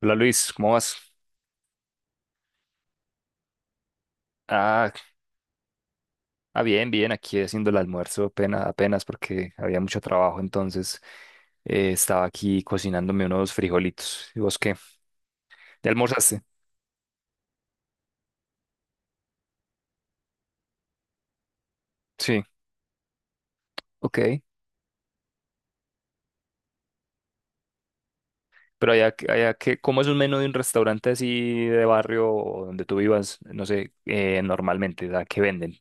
Hola Luis, ¿cómo vas? Ah, bien, bien, aquí haciendo el almuerzo apenas, apenas porque había mucho trabajo, entonces estaba aquí cocinándome unos frijolitos. ¿Y vos qué? ¿Ya almorzaste? Sí, ok. Pero allá, allá que, ¿cómo es un menú de un restaurante así de barrio o donde tú vivas? No sé, normalmente, ¿a ¿qué venden?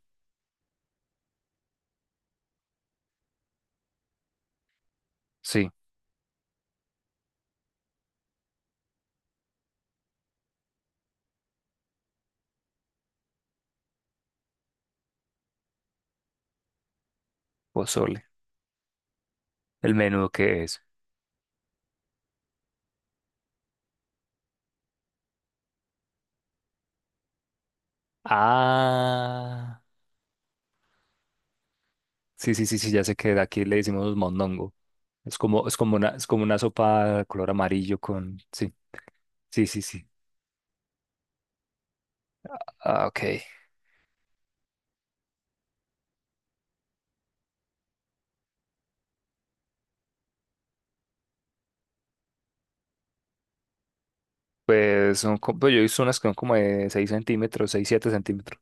Sí, pozole. ¿El menú qué es? Ah. Sí, sí, sí, sí, ya sé que de aquí le decimos mondongo. Es como una sopa de color amarillo con. Sí, sí, sí, sí. Ah, ok. Pues son, pues yo he visto unas que son como de seis centímetros, seis siete centímetros.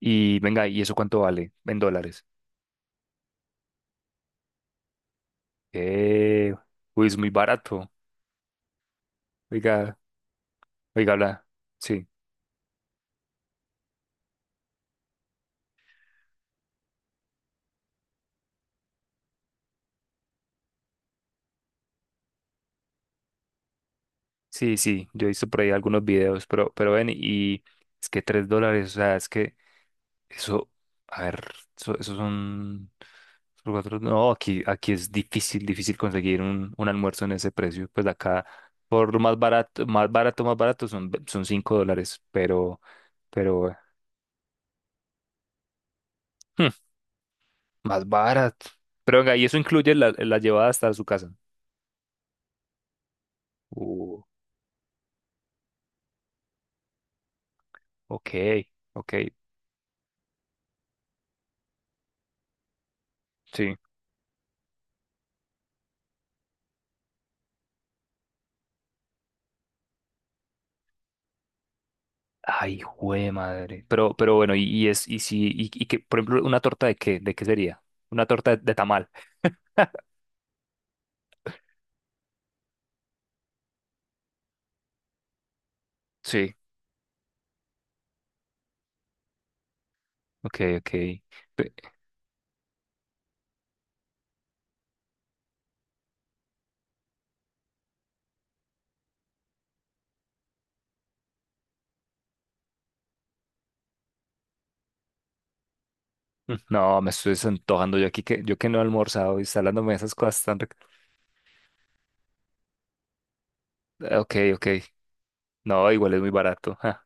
Y venga, ¿y eso cuánto vale? En dólares. Eh, uy, es muy barato. Oiga, oiga, habla. Sí, sí, sí. Yo he visto por ahí algunos videos, pero ven, y es que 3 dólares, o sea, es que. Eso, a ver, eso son no, aquí, aquí es difícil, difícil conseguir un almuerzo en ese precio. Pues acá, por lo más barato, más barato, más barato son, son cinco dólares, pero, hmm, más barato. Pero venga, y eso incluye la, la llevada hasta su casa. Uh, ok, ok, sí. Ay, jue madre. Pero bueno, y es, y si, y que, por ejemplo, una torta de qué, ¿de qué sería? Una torta de tamal. Sí. Ok, ok. Pe- no, me estoy desantojando yo aquí que yo que no he almorzado y está hablándome de esas cosas tan ric- Ok, ok. No, igual es muy barato. Ja.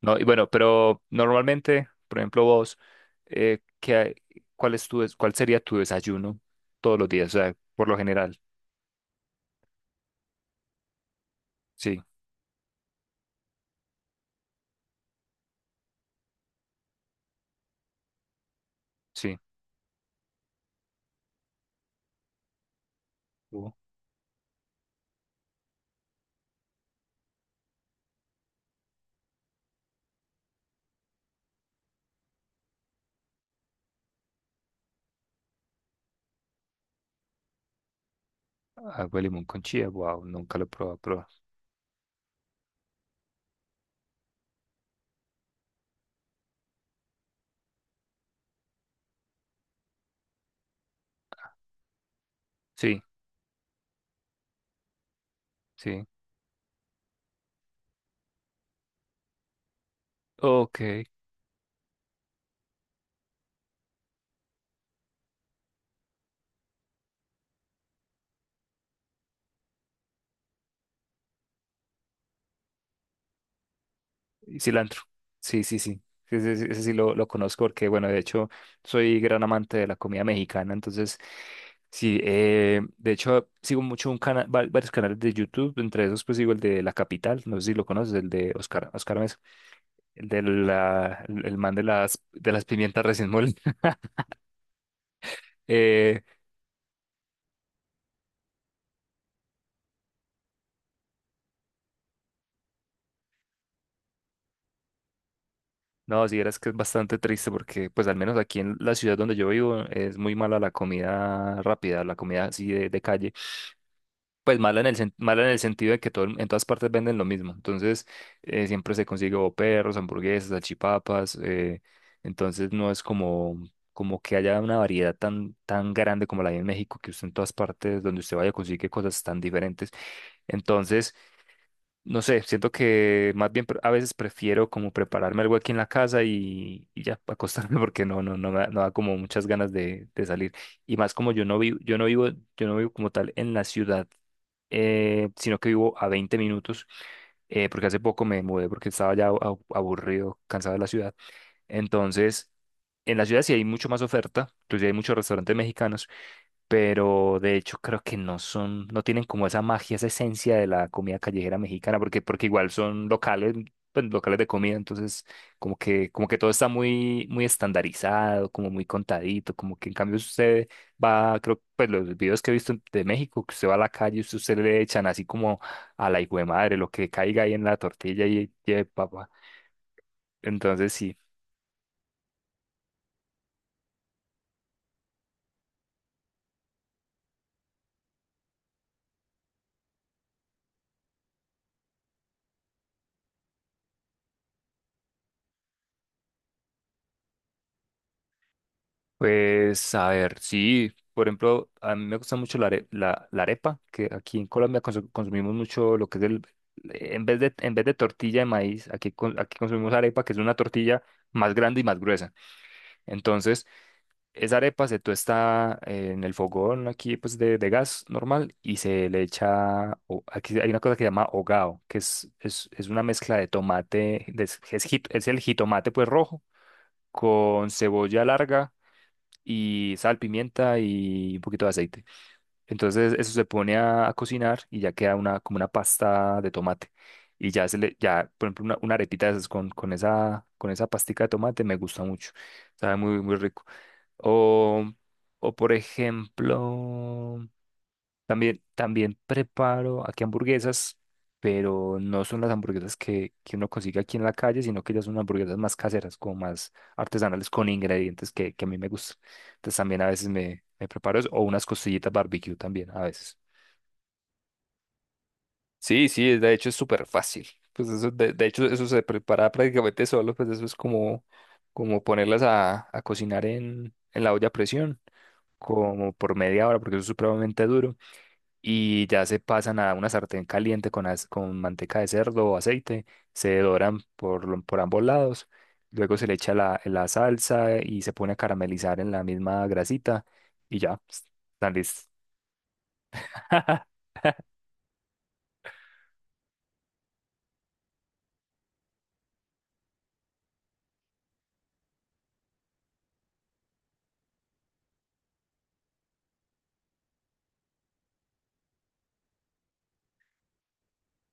No, y bueno, pero normalmente, por ejemplo, vos, ¿qué cuál es tu cuál sería tu desayuno todos los días? O sea, por lo general. Sí, sí. Uh, agua de limón con chía, wow, nunca lo he probado, pero sí, sí. Ok. Y cilantro. Sí, sí, sí. Sí, sí, sí, ese, sí lo conozco porque, bueno, de hecho, soy gran amante de la comida mexicana. Entonces, sí, de hecho, sigo mucho un varios canales de YouTube. Entre esos, pues sigo el de La Capital. No sé si lo conoces, el de Oscar, Oscar Mesa. El de la, el man de las pimientas recién molidas. Eh, no, si vieras que es bastante triste porque, pues al menos aquí en la ciudad donde yo vivo, es muy mala la comida rápida, la comida así de calle. Pues mala en el, mala en el sentido de que todo, en todas partes venden lo mismo. Entonces, siempre se consigue o perros, hamburguesas, salchipapas. Entonces, no es como, como que haya una variedad tan, tan grande como la hay en México, que usted en todas partes donde usted vaya consigue cosas tan diferentes. Entonces, no sé, siento que más bien a veces prefiero como prepararme algo aquí en la casa y ya acostarme porque no, no, no, no da como muchas ganas de salir. Y más como yo no vivo, yo no vivo, yo no vivo como tal en la ciudad, sino que vivo a 20 minutos, porque hace poco me mudé porque estaba ya aburrido, cansado de la ciudad. Entonces, en la ciudad sí hay mucho más oferta, inclusive hay muchos restaurantes mexicanos, pero de hecho creo que no son, no tienen como esa magia, esa esencia de la comida callejera mexicana, porque, porque igual son locales, pues, locales de comida, entonces como que todo está muy, muy estandarizado, como muy contadito, como que en cambio si usted va, creo, pues los videos que he visto de México, que usted va a la calle, usted, usted le echan así como a la hijo de madre, lo que caiga ahí en la tortilla y lleve papa. Entonces sí. Pues a ver, sí, por ejemplo, a mí me gusta mucho la, la, la arepa, que aquí en Colombia consumimos mucho lo que es el, en vez de tortilla de maíz, aquí, aquí consumimos arepa, que es una tortilla más grande y más gruesa. Entonces, esa arepa se tuesta en el fogón aquí, pues de gas normal, y se le echa, aquí hay una cosa que se llama hogao, que es una mezcla de tomate, es, es el jitomate pues rojo, con cebolla larga y sal, pimienta y un poquito de aceite. Entonces eso se pone a cocinar y ya queda una, como una pasta de tomate. Y ya se le, ya, por ejemplo, una arepita de esas con esa pastica de tomate me gusta mucho. Sabe muy, muy rico. O, o por ejemplo, también, también preparo aquí hamburguesas, pero no son las hamburguesas que uno consigue aquí en la calle, sino que ya son hamburguesas más caseras, como más artesanales, con ingredientes que a mí me gustan. Entonces también a veces me, me preparo eso, o unas costillitas barbecue también a veces. Sí, sí, de hecho es súper fácil. Pues eso, de hecho, eso se prepara prácticamente solo, pues eso es como, como ponerlas a cocinar en la olla a presión, como por media hora, porque eso es supremamente duro. Y ya se pasan a una sartén caliente con, con manteca de cerdo o aceite, se doran por, por ambos lados, luego se le echa la, la salsa y se pone a caramelizar en la misma grasita y ya, están listos.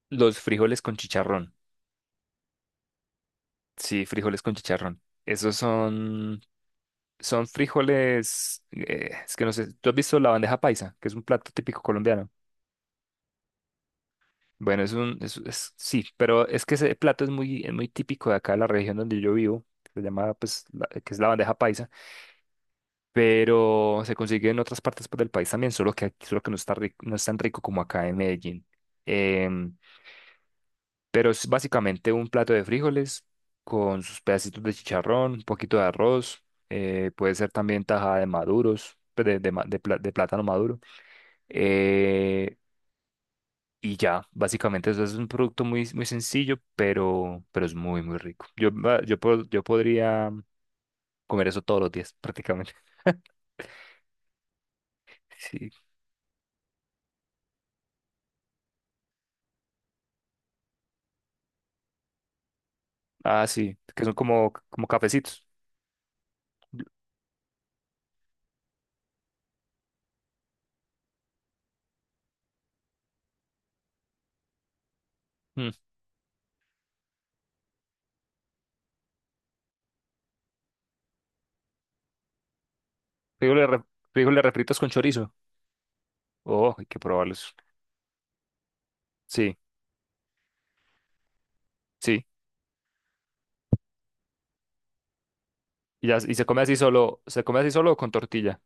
Los frijoles con chicharrón, sí, frijoles con chicharrón. Esos son, son frijoles, es que no sé, ¿tú has visto la bandeja paisa, que es un plato típico colombiano? Bueno, es un, es, sí, pero es que ese plato es muy típico de acá de la región donde yo vivo, se llama, pues, que es la bandeja paisa, pero se consigue en otras partes pues, del país también, solo que aquí, solo que no está rico, no es tan rico como acá en Medellín. Em, pero es básicamente un plato de frijoles con sus pedacitos de chicharrón, un poquito de arroz, puede ser también tajada de maduros, pues, de, de plátano maduro eh, y ya, básicamente eso es un producto muy, muy sencillo, pero es muy, muy rico. Yo, va- yo, po- yo podría comer eso todos los días, prácticamente. Sí. Ah, sí, que son como, como cafecitos. Mm. Frijoles, re- frijoles refritos con chorizo. Oh, hay que probarlos. Sí, sí. Y, ya, y se come así solo, se come así solo o con tortilla.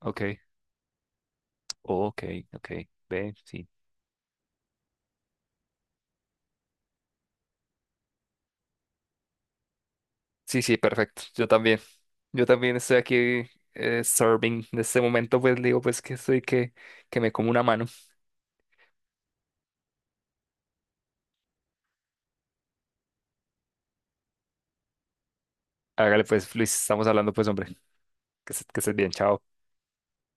Ok, ok, ok. Ve, sí. Sí, sí, perfecto. Yo también. Yo también estoy aquí serving. En este momento, pues digo, pues que estoy que me como una mano. Hágale, pues, Luis, estamos hablando, pues, hombre. Que, que estés bien, chao.